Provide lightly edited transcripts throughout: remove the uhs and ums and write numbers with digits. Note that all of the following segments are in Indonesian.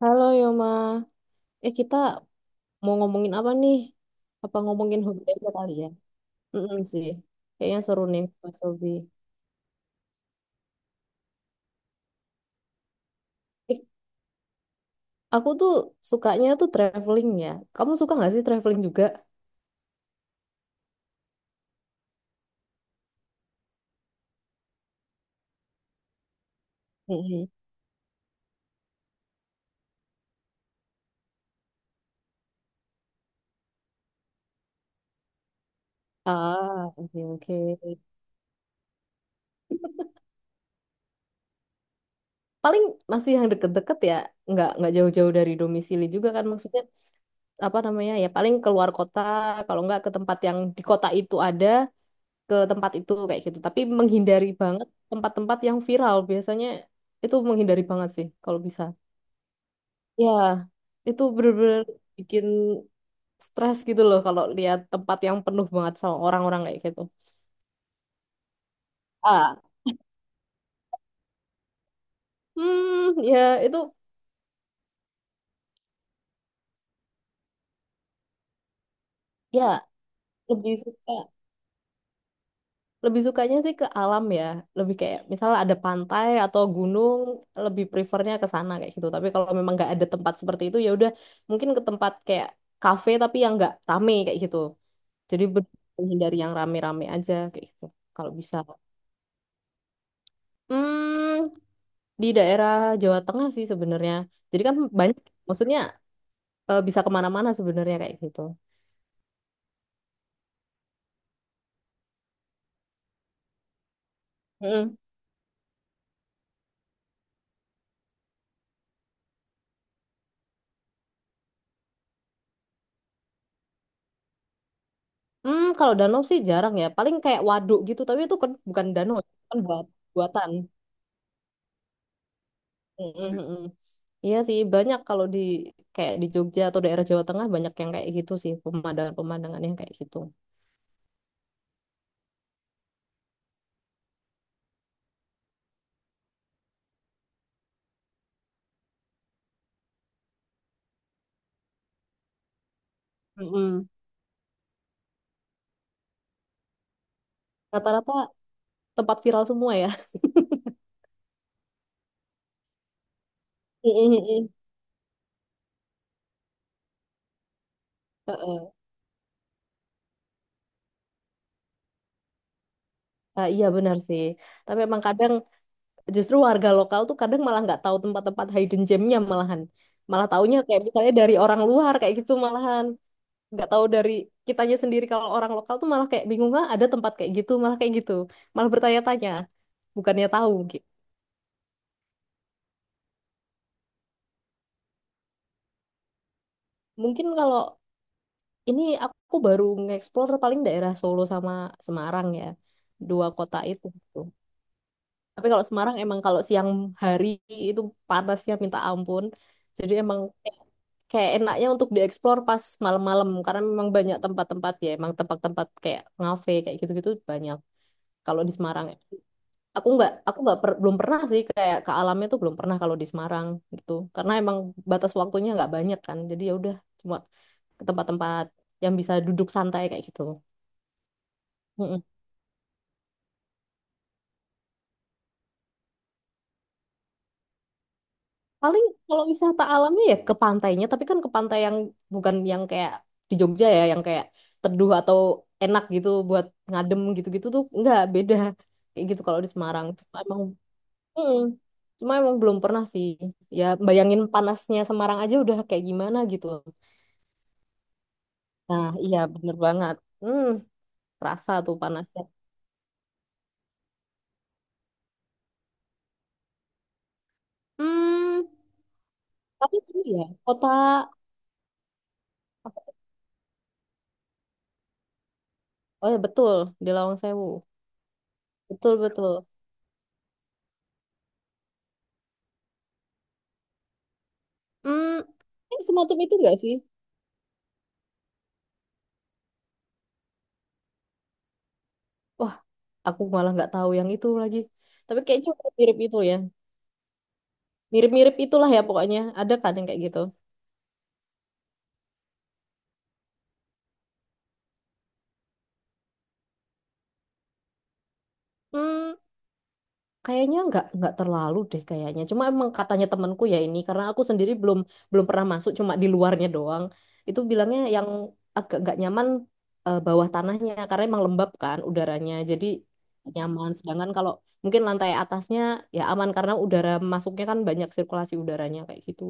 Halo Yoma, kita mau ngomongin apa nih? Apa ngomongin hobi aja kali ya? Mm sih, kayaknya seru nih bahas hobi. Eh, aku tuh sukanya tuh traveling ya. Kamu suka nggak sih traveling juga? Mm-mm. Ah, oke oke. Paling masih yang deket-deket ya, nggak jauh-jauh dari domisili juga kan maksudnya apa namanya ya paling keluar kota, kalau nggak ke tempat yang di kota itu ada. Ke tempat itu kayak gitu. Tapi menghindari banget tempat-tempat yang viral. Biasanya itu menghindari banget sih kalau bisa. Ya, itu bener-bener bikin stres gitu loh kalau lihat tempat yang penuh banget sama orang-orang kayak gitu. Ah, hmm, ya itu ya lebih suka lebih sukanya sih ke alam ya. Lebih kayak misalnya ada pantai atau gunung, lebih prefernya ke sana kayak gitu. Tapi kalau memang nggak ada tempat seperti itu ya udah mungkin ke tempat kayak kafe tapi yang nggak rame kayak gitu. Jadi ber- Menghindari yang rame-rame aja kayak gitu. Kalau bisa. Hmm, di daerah Jawa Tengah sih sebenarnya. Jadi kan banyak, maksudnya bisa kemana-mana sebenarnya kayak gitu. Mm. Hmm, kalau danau sih jarang ya. Paling kayak waduk gitu, tapi itu kan bukan danau, itu kan buat buatan. Mm, mm, mm, mm. Iya sih, banyak kalau di kayak di Jogja atau daerah Jawa Tengah banyak yang kayak gitu sih, pemandangan-pemandangan yang kayak gitu. Mm, mm. Rata-rata tempat viral semua ya. Mm, mm, mm. Heeh. Ah iya benar sih. Tapi emang kadang justru warga lokal tuh kadang malah nggak tahu tempat-tempat hidden gemnya malahan. Malah taunya kayak misalnya dari orang luar kayak gitu malahan. Nggak tahu dari kitanya sendiri kalau orang lokal tuh malah kayak bingung ah ada tempat kayak gitu. Malah bertanya-tanya bukannya tahu. Gitu. Mungkin kalau ini aku baru nge-explore paling daerah Solo sama Semarang ya. Dua kota itu. Gitu. Tapi kalau Semarang emang kalau siang hari itu panasnya minta ampun. Jadi emang kayak enaknya untuk dieksplor pas malam-malam karena memang banyak tempat-tempat ya emang tempat-tempat kayak ngafe kayak gitu-gitu banyak kalau di Semarang ya aku nggak per- belum pernah sih kayak ke alamnya tuh belum pernah kalau di Semarang gitu karena emang batas waktunya nggak banyak kan jadi ya udah cuma ke tempat-tempat yang bisa duduk santai kayak gitu. Paling kalau wisata alamnya ya ke pantainya, tapi kan ke pantai yang bukan yang kayak di Jogja ya, yang kayak teduh atau enak gitu buat ngadem gitu-gitu tuh nggak beda kayak gitu kalau di Semarang. Cuma emang, mm, cuma emang belum pernah sih. Ya bayangin panasnya Semarang aja udah kayak gimana gitu. Nah, iya bener banget. Hmm, rasa tuh panasnya. Hmm, tapi gini ya, kota, oh ya betul, di Lawang Sewu. Betul, betul. Hmm, ini semacam itu nggak sih? Wah aku malah nggak tahu yang itu lagi. Tapi kayaknya udah mirip itu ya. Mirip-mirip itulah ya pokoknya. Ada kan yang kayak gitu. Hmm, kayaknya nggak terlalu deh kayaknya. Cuma emang katanya temanku ya ini karena aku sendiri belum belum pernah masuk cuma di luarnya doang. Itu bilangnya yang agak nggak nyaman bawah tanahnya karena emang lembab kan udaranya. Jadi nggak nyaman. Sedangkan kalau mungkin lantai atasnya ya aman karena udara masuknya kan banyak sirkulasi udaranya kayak gitu.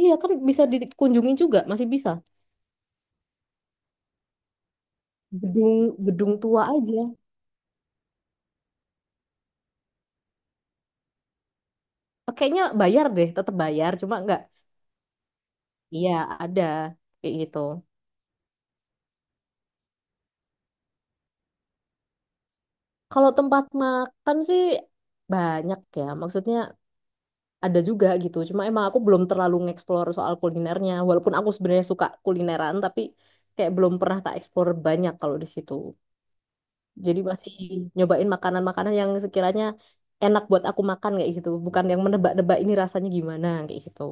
Iya kan bisa dikunjungi juga, masih bisa. Gedung gedung tua aja. Kayaknya bayar deh, tetap bayar, cuma nggak. Iya, ada kayak gitu. Kalau tempat makan sih banyak ya, maksudnya ada juga gitu. Cuma emang aku belum terlalu ngeksplor soal kulinernya, walaupun aku sebenarnya suka kulineran, tapi kayak belum pernah tak eksplor banyak kalau di situ. Jadi masih nyobain makanan-makanan yang sekiranya enak buat aku makan kayak gitu, bukan yang menebak-nebak ini rasanya gimana kayak gitu.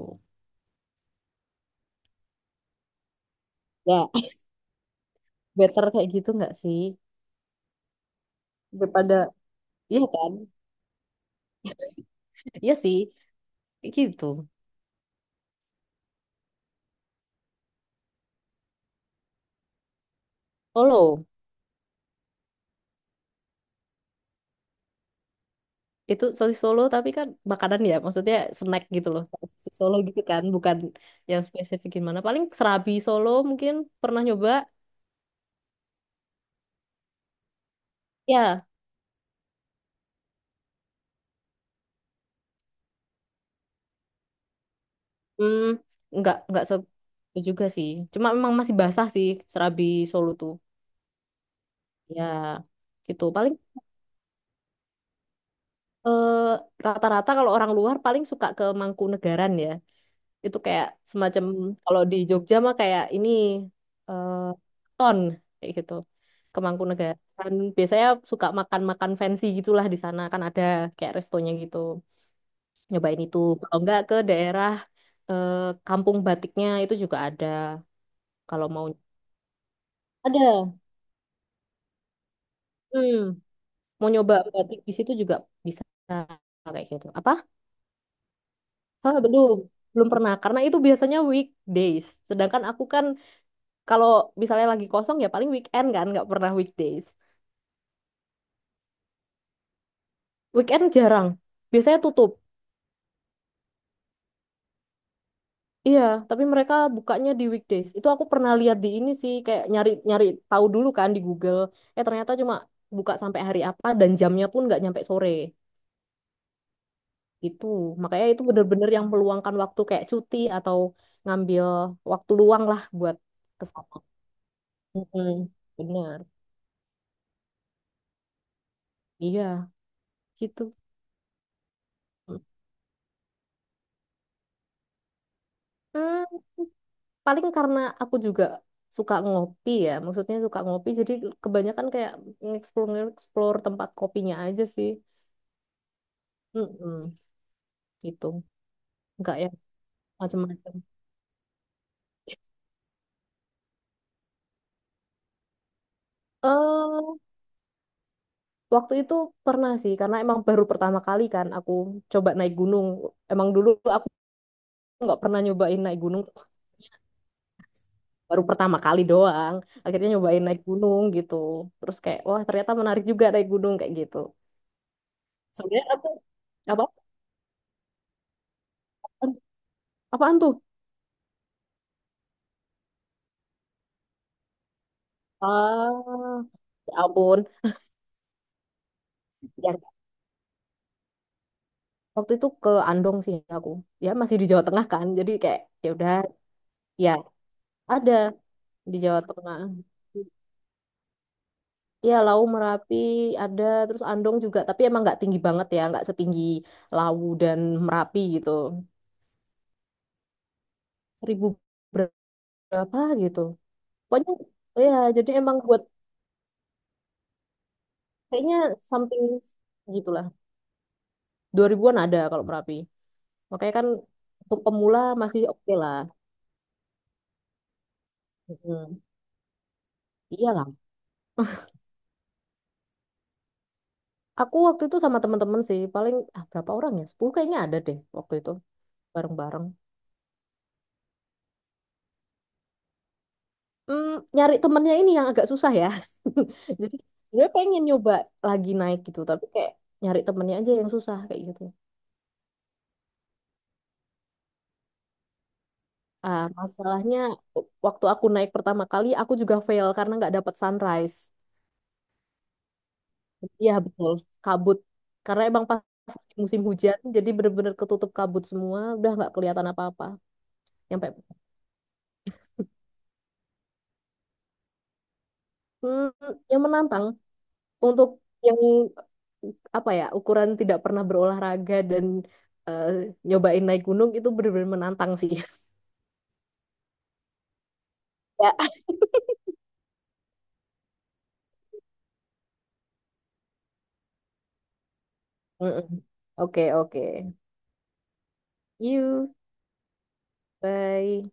Ya, better kayak gitu nggak sih? Daripada. Iya kan? Iya sih, gitu. Solo. Itu sosis Solo tapi kan makanan ya, maksudnya snack gitu loh. Sosis Solo gitu kan, bukan yang spesifik gimana. Paling serabi Solo mungkin pernah nyoba. Ya, hmm, nggak se itu juga sih. Cuma memang masih basah sih serabi Solo tuh. Ya, gitu. Paling eh, rata-rata kalau orang luar paling suka ke Mangkunegaran ya. Itu kayak semacam kalau di Jogja mah kayak ini eh, ton kayak gitu. Ke Mangkunegaran biasanya suka makan-makan fancy gitulah di sana kan ada kayak restonya gitu. Nyobain itu. Kalau enggak ke daerah eh, Kampung Batiknya itu juga ada kalau mau ada. Hmm, mau nyoba batik di situ juga bisa kayak gitu. Apa? Ah, belum. Belum pernah karena itu biasanya weekdays. Sedangkan aku kan kalau misalnya lagi kosong ya paling weekend kan, nggak pernah weekdays. Weekend jarang, biasanya tutup. Iya, tapi mereka bukanya di weekdays. Itu aku pernah lihat di ini sih, kayak nyari-nyari tahu dulu kan di Google. Eh ternyata cuma buka sampai hari apa dan jamnya pun nggak nyampe sore. Itu, makanya itu bener-bener yang meluangkan waktu kayak cuti atau ngambil waktu luang lah buat kesana. Sana. Mm-mm, bener, iya gitu. Mm. Paling karena aku juga suka ngopi ya maksudnya suka ngopi jadi kebanyakan kayak explore explore tempat kopinya aja sih. Mm-mm, gitu nggak yang macam-macam. eh Waktu itu pernah sih karena emang baru pertama kali kan aku coba naik gunung emang dulu aku nggak pernah nyobain naik gunung. Baru pertama kali doang akhirnya nyobain naik gunung gitu terus kayak wah ternyata menarik juga naik gunung kayak gitu sebenarnya aku apa apaan tuh. Ah, ya ampun. Ya, waktu itu ke Andong sih aku. Ya masih di Jawa Tengah kan. Jadi kayak ya udah ya ada di Jawa Tengah. Ya Lau Merapi ada terus Andong juga tapi emang nggak tinggi banget ya, nggak setinggi Lawu dan Merapi gitu. 1.000 berapa gitu. Pokoknya ya jadi emang buat kayaknya something gitulah. 2.000-an ada kalau Merapi. Makanya kan untuk pemula masih oke lah. Mm, iya lah. Aku waktu itu sama teman-teman sih, paling ah, berapa orang ya? 10 kayaknya ada deh waktu itu bareng-bareng. Hmm, nyari temennya ini yang agak susah ya. Jadi gue pengen nyoba lagi naik gitu, tapi kayak nyari temennya aja yang susah kayak gitu. Ah, masalahnya waktu aku naik pertama kali aku juga fail karena nggak dapat sunrise. Iya betul, kabut. Karena emang pas musim hujan, jadi bener-bener ketutup kabut semua, udah nggak kelihatan apa-apa. Yang kayak, hmm, yang menantang untuk yang apa ya ukuran tidak pernah berolahraga dan eh, nyobain naik gunung itu benar-benar menantang sih. Ya. Mm-mm. Oke, oke. You, bye.